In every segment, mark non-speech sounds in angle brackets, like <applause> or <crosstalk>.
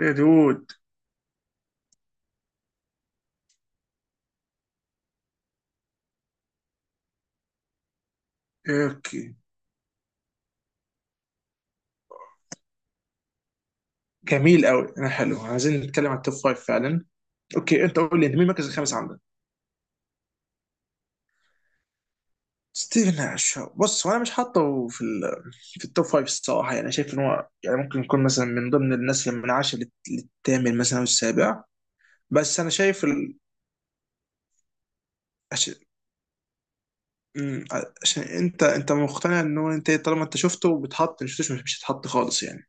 يا دود. إيه، اوكي. جميل قوي، انا حلو عايزين نتكلم عن التوب فايف فعلا. اوكي انت قول لي، انت مين المركز الخامس عندك؟ ستيفن ناش، بص هو انا مش حاطه في ال... في التوب فايف الصراحه، يعني شايف ان هو يعني ممكن يكون مثلا من ضمن الناس اللي من عشر للثامن مثلا او السابع. بس انا شايف ال... عشان مم، عشان انت مقتنع ان هو، انت طالما انت شفته بتحط، مش شفتوش مش هتحط خالص يعني.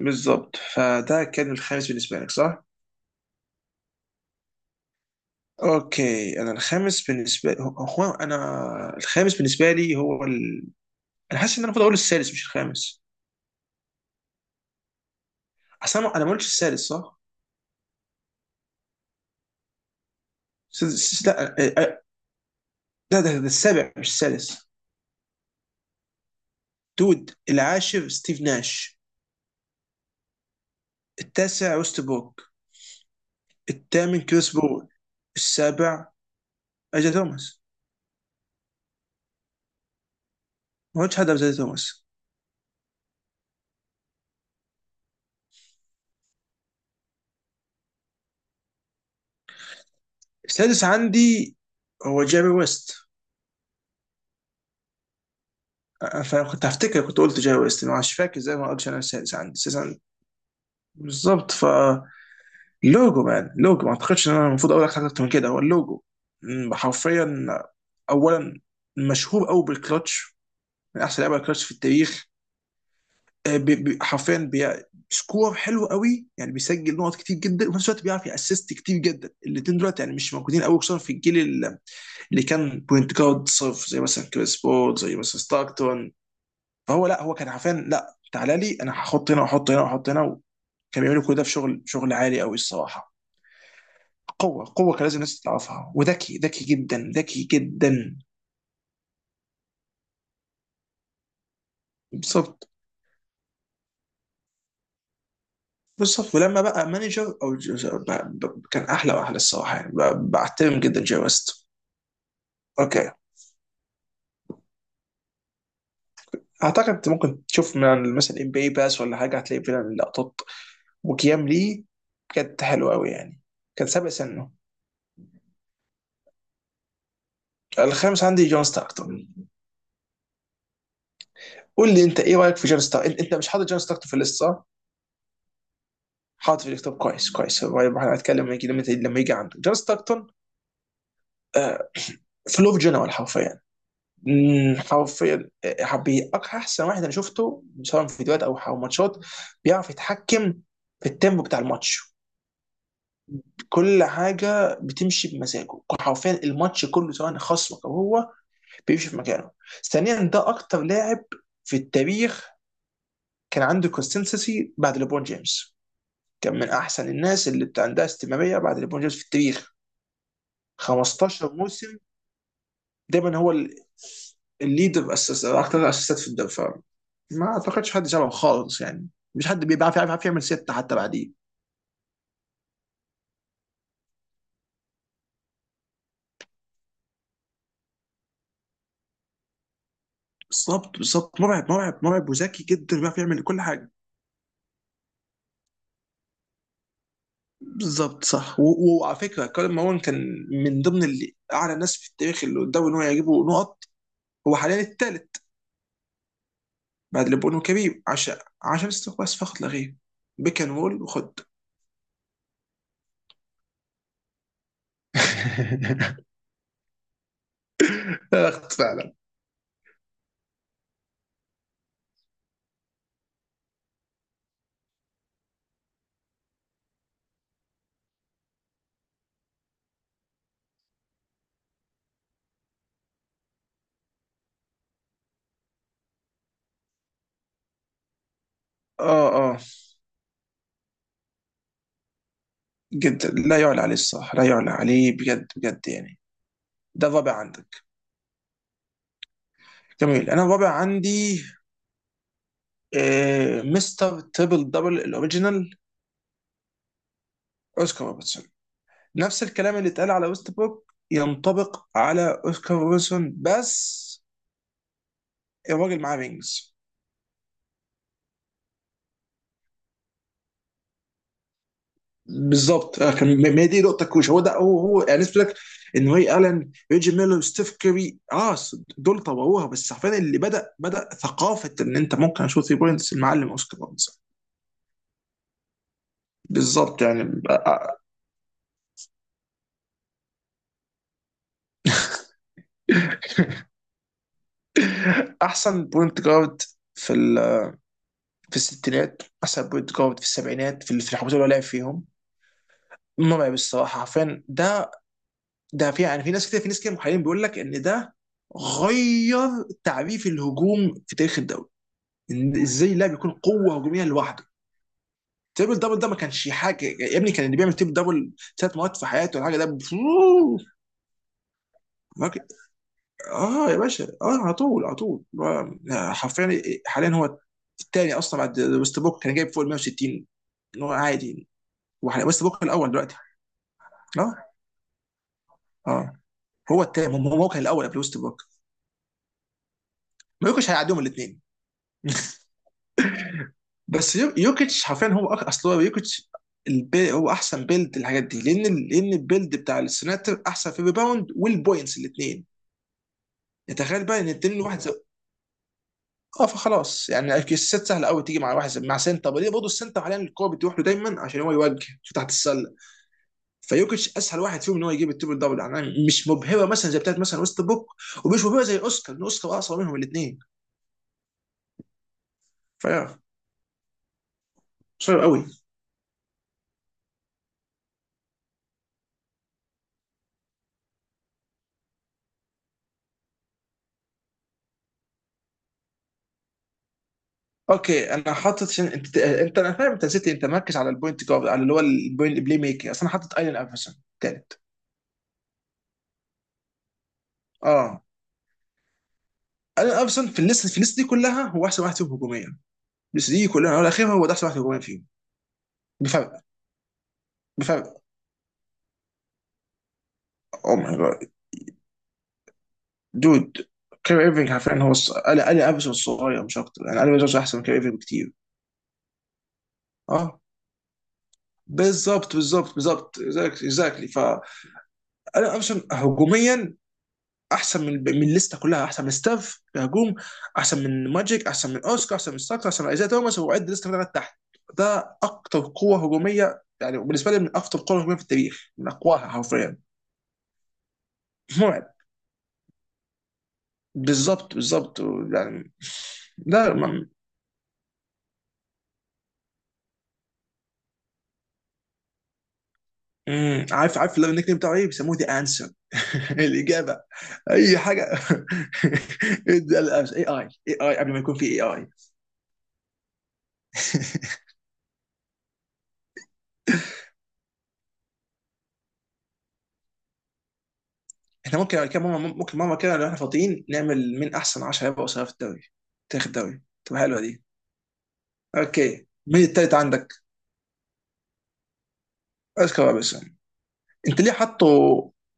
بالظبط، فده كان الخامس بالنسبه لك صح؟ اوكي، انا الخامس بالنسبه لي هو، هو انا الخامس بالنسبه لي هو ال... انا حاسس ان انا المفروض اقول السادس مش الخامس. اصل انا، ما قلتش السادس صح؟ لا آه، ده السابع مش السادس. دود، العاشر ستيف ناش، التاسع وست بوك، الثامن كريس بول، السابع اجا توماس. ما قلتش حد قبل اجا توماس. السادس عندي هو جيري ويست. فكنت هفتكر كنت قلت جيري ويست، ما عادش فاكر زي ما قلتش. انا السادس عندي، السادس عندي بالظبط ف... لوجو مان، لوجو، ما اعتقدش ان انا المفروض اقول لك حاجه اكتر من كده، هو اللوجو. حرفيا. اولا، مشهور قوي بالكلتش، من احسن لعيبه الكلتش في التاريخ. حرفيا سكور حلو قوي، يعني بيسجل نقط كتير جدا، وفي نفس الوقت بيعرف يأسست كتير جدا. الاثنين دلوقتي يعني مش موجودين قوي، خصوصا في الجيل اللي كان بوينت جارد صرف زي مثلا كريس بول، زي مثلا ستاكتون. فهو لا، هو كان حرفيا لا، تعالى لي انا هحط هنا واحط هنا واحط هنا، وكان بيعملوا كل ده في شغل عالي قوي الصراحه. قوة كان لازم الناس تعرفها، وذكي جدا، ذكي جدا. بالظبط بالظبط. ولما بقى مانجر او كان احلى واحلى الصراحة يعني، بعتبر جدا جاي ويست. اوكي. اعتقد انت ممكن تشوف من مثلا ام بي باس ولا حاجة، هتلاقي فعلا لقطات وكيام ليه كانت حلوة قوي يعني، كان سابق سنه. الخامس عندي جون ستاكتون. قول لي انت ايه رايك في جون ستاكتون؟ انت مش حاطط جون ستاكتون في الليست صح؟ حاطط في الكتاب، كويس كويس. هو يبقى احنا هنتكلم لما يجي، لما يجي عنده جون ستاكتون. فلوف جنرال حرفيا. حرفيا. احسن واحد انا شفته، سواء في فيديوهات او ماتشات. بيعرف يتحكم في التيمبو بتاع الماتش، كل حاجه بتمشي بمزاجه حرفيا، الماتش كله سواء خصمك او هو بيمشي في مكانه. ثانيا، ده اكتر لاعب في التاريخ كان عنده كونسستنسي بعد ليبرون جيمس، كان من احسن الناس اللي عندها استمراريه بعد ليبرون جيمس في التاريخ. 15 موسم دايما هو الليدر، اسس اكتر اسيستات في الدفاع. ما اعتقدش حد شبهه خالص يعني، مش حد بيعرف يعرف يعمل ستة حتى بعديه. بالظبط بالظبط، مرعب مرعب مرعب، وذكي جدا بيعرف يعمل كل حاجه. بالظبط صح، وعلى فكره، كارل ماون كان من ضمن اللي اعلى ناس في التاريخ اللي قدامه ان هو يجيبوا نقط. هو حاليا الثالث بعد ليبرون وكريم، عشان عشان استحواذ بس فقط لا غير، بيك اند رول وخد. <laughs> اخت فعلا. اه اه. جدا لا يعلى عليه الصراحة، لا يعلى عليه بجد بجد يعني. ده الرابع عندك. جميل، انا الرابع عندي آه، مستر تريبل دبل الاوريجينال، اوسكار روبرتسون. نفس الكلام اللي اتقال على ويست بروك ينطبق على اوسكار روبرتسون، بس الراجل معاه رينجز. بالظبط، كان، ما هي دي نقطة كوش، هو ده هو هو يعني، نسبة لك ان واي الن، ريجي ميلر، ستيف كيري، اه دول طوروها، بس حرفيا اللي بدأ بدأ ثقافة ان انت ممكن اشوف 3 بوينتس، المعلم اوسكار روبرتسون. بالظبط يعني. احسن بوينت جارد في في الستينات، احسن بوينت جارد في السبعينات، في في الحقبه اللي هو لعب فيهم. مرعب الصراحه حرفيا. ده ده في يعني، في ناس كده، في ناس كده محللين بيقول لك ان ده غير تعريف الهجوم في تاريخ الدوري، إن ازاي اللاعب يكون قوه هجوميه لوحده. تريبل دبل ده ما كانش حاجه يا ابني، كان اللي بيعمل تريبل دبل ثلاث مرات في حياته ولا حاجه ده. اه يا باشا اه، على طول على طول. حرفيا حاليا هو الثاني اصلا بعد ويست بوك، كان جايب فوق ال 160 إن هو عادي. ويست بوك الاول دلوقتي. اه اه، هو الثاني، هو هو كان الاول قبل ويست بوك. ما يوكيتش هيعديهم الاثنين. بس يوكيتش حرفيا هو اصل هو يوكيتش البي، هو احسن بيلد الحاجات دي، لان لان البيلد بتاع السناتر احسن في الريباوند والبوينتس الاثنين. تخيل بقى ان التنين الواحد. اه فخلاص يعني، السيت سهله قوي تيجي مع واحد مع سنتر ليه، برضه السنتر حاليا الكوره بتروح له دايما عشان هو يوجه شو تحت السله. فيوكيتش اسهل واحد فيهم ان هو يجيب التريبل دبل يعني، مش مبهره مثلا زي بتاعت مثلا ويست بوك، ومش مبهره زي اوسكار لان اوسكار اقصر منهم الاثنين. فيا. صعب قوي. اوكي انا حاطط، عشان انت انا فاهم انت نسيت، انت مركز على البوينت جارد على اللي هو البوينت بلاي ميكر، اصل انا حاطط ايلان افرسون ثالث. اه. ايلان افرسون في الليست، في الليست دي كلها هو احسن واحد فيهم هجوميا، الليست دي كلها هو الاخير، هو ده احسن واحد هجوميا فيهم بفرق بفرق. او ماي جاد دود، كير ايرفينج حرفيا هو قال قال ابسط الصغير مش اكتر يعني، قال ابسط احسن من كير ايرفينج بكتير. اه بالظبط بالظبط بالظبط اكزاكتلي ف... انا ابسط هجوميا احسن من من الليسته كلها، احسن من ستاف كهجوم، احسن من ماجيك، احسن من اوسكار، احسن من ستاكس، احسن من ايزاي توماس، وعد الليسته كلها تحت. ده اكتر قوه هجوميه يعني بالنسبه لي، من اكتر قوه هجوميه في التاريخ، من اقواها حرفيا. <laughs> مرعب. بالظبط بالظبط يعني. لا. امم، عارف عارف، اللي النيك نيم بتاعه ايه، بيسموه ذا انسر. <laughs> الاجابه. اي حاجه. <laughs> ده الاس اي اي اي اي قبل ما يكون في اي اي. <laughs> احنا ممكن كده ماما، ممكن ماما كده لو احنا فاضيين نعمل من احسن 10 لعيبه قصيره في الدوري، تاريخ الدوري، تبقى حلوه دي. اوكي، مين التالت عندك؟ اسكار روبنسون. انت ليه حاطه؟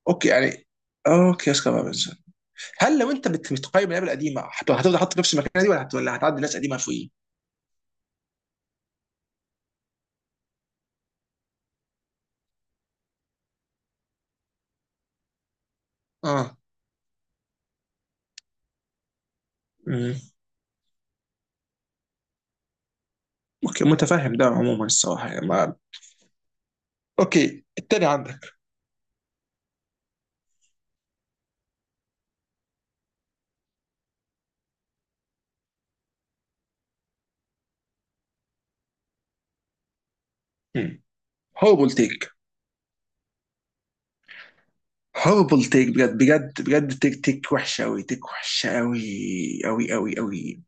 اوكي يعني، اوكي اسكار روبنسون. هل لو انت بتقيم اللعيبه القديمه هتفضل حاطه في نفس المكان دي، ولا ولا هتعدي ناس قديمه فوقيه؟ اه. اوكي، متفهم ده عموما الصراحه يعني ما... اوكي، التاني عندك. هوربل تيك. هوربل تيك بجد بجد بجد، تيك تيك وحشه قوي، تيك وحشه قوي قوي قوي قوي.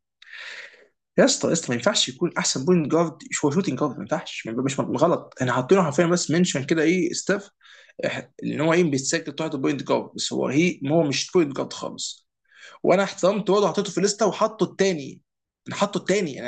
يا اسطى يا اسطى، ما ينفعش يكون احسن بوينت جارد، هو شوتنج جارد، ما ينفعش مش غلط احنا حاطينه حرفيا، بس منشن كده ايه ستاف، ان هو ايه بيتسجل تحت بوينت جارد، بس هو هي هو مش بوينت جارد خالص. وانا احترمت برضه حطيته في ليسته وحطه التاني. حطه التاني.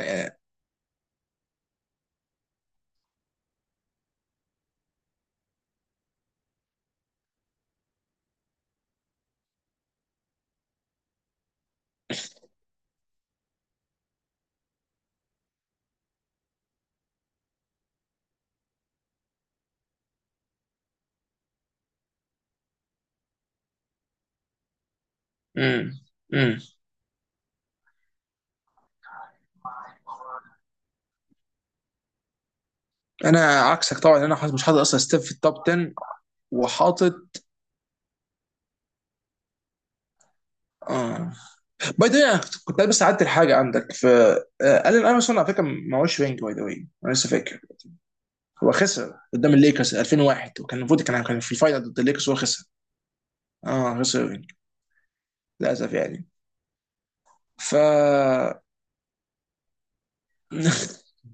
امم. انا عكسك طبعا، انا حاطط، مش حاطط اصلا ستيف في التوب 10، وحاطط اه. باي ذا، انا كنت بس عدت الحاجه عندك في آه، الين ايفرسون على فكره ما هوش رينج، باي ذا واي انا لسه فاكر. هو خسر قدام الليكرز 2001، وكان المفروض كان كان في الفاينل ضد الليكرز، هو خسر. اه خسر رينج للاسف يعني ف... <laughs>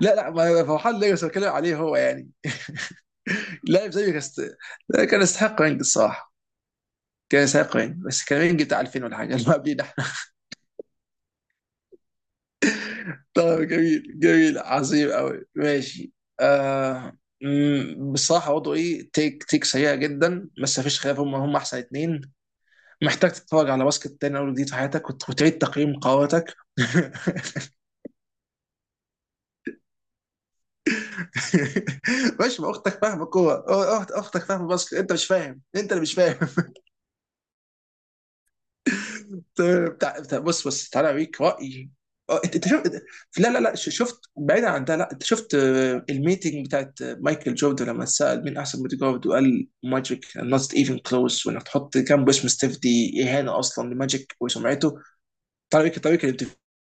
لا لا، ما فرحان الليكرز، بتكلم عليه هو يعني، لاعب زي كاست... كان يستحق رينج الصراحه، كان يستحق رينج، بس كان رينج بتاع 2000 ولا حاجه <laughs> اللي قبليه. طيب جميل جميل، عظيم قوي ماشي، آه، بصراحة وضعه ايه، تيك تيك سيئة جدا، بس مفيش خلاف هم هم احسن اتنين. محتاج تتفرج على باسكت تاني اول جديد في حياتك، وتعيد تقييم قواتك. <laughs> ماشي، ما اختك فاهمة كورة أه، اختك فاهمة باسكت، انت مش فاهم، انت اللي مش فاهم. بص بص، تعالى اوريك رايي. اه انت انت شفت، لا لا لا، شفت بعيدا عن ده، لا انت شفت آه، الميتنج بتاعت آه، مايكل جوردن لما اتسال مين احسن بودي جارد، وقال ماجيك نوت ايفن كلوز، وانك تحط جنبه اسم ستيف دي اهانه اصلا لماجيك وسمعته. تعالى اوريك، تعالى اوريك الانترفيو.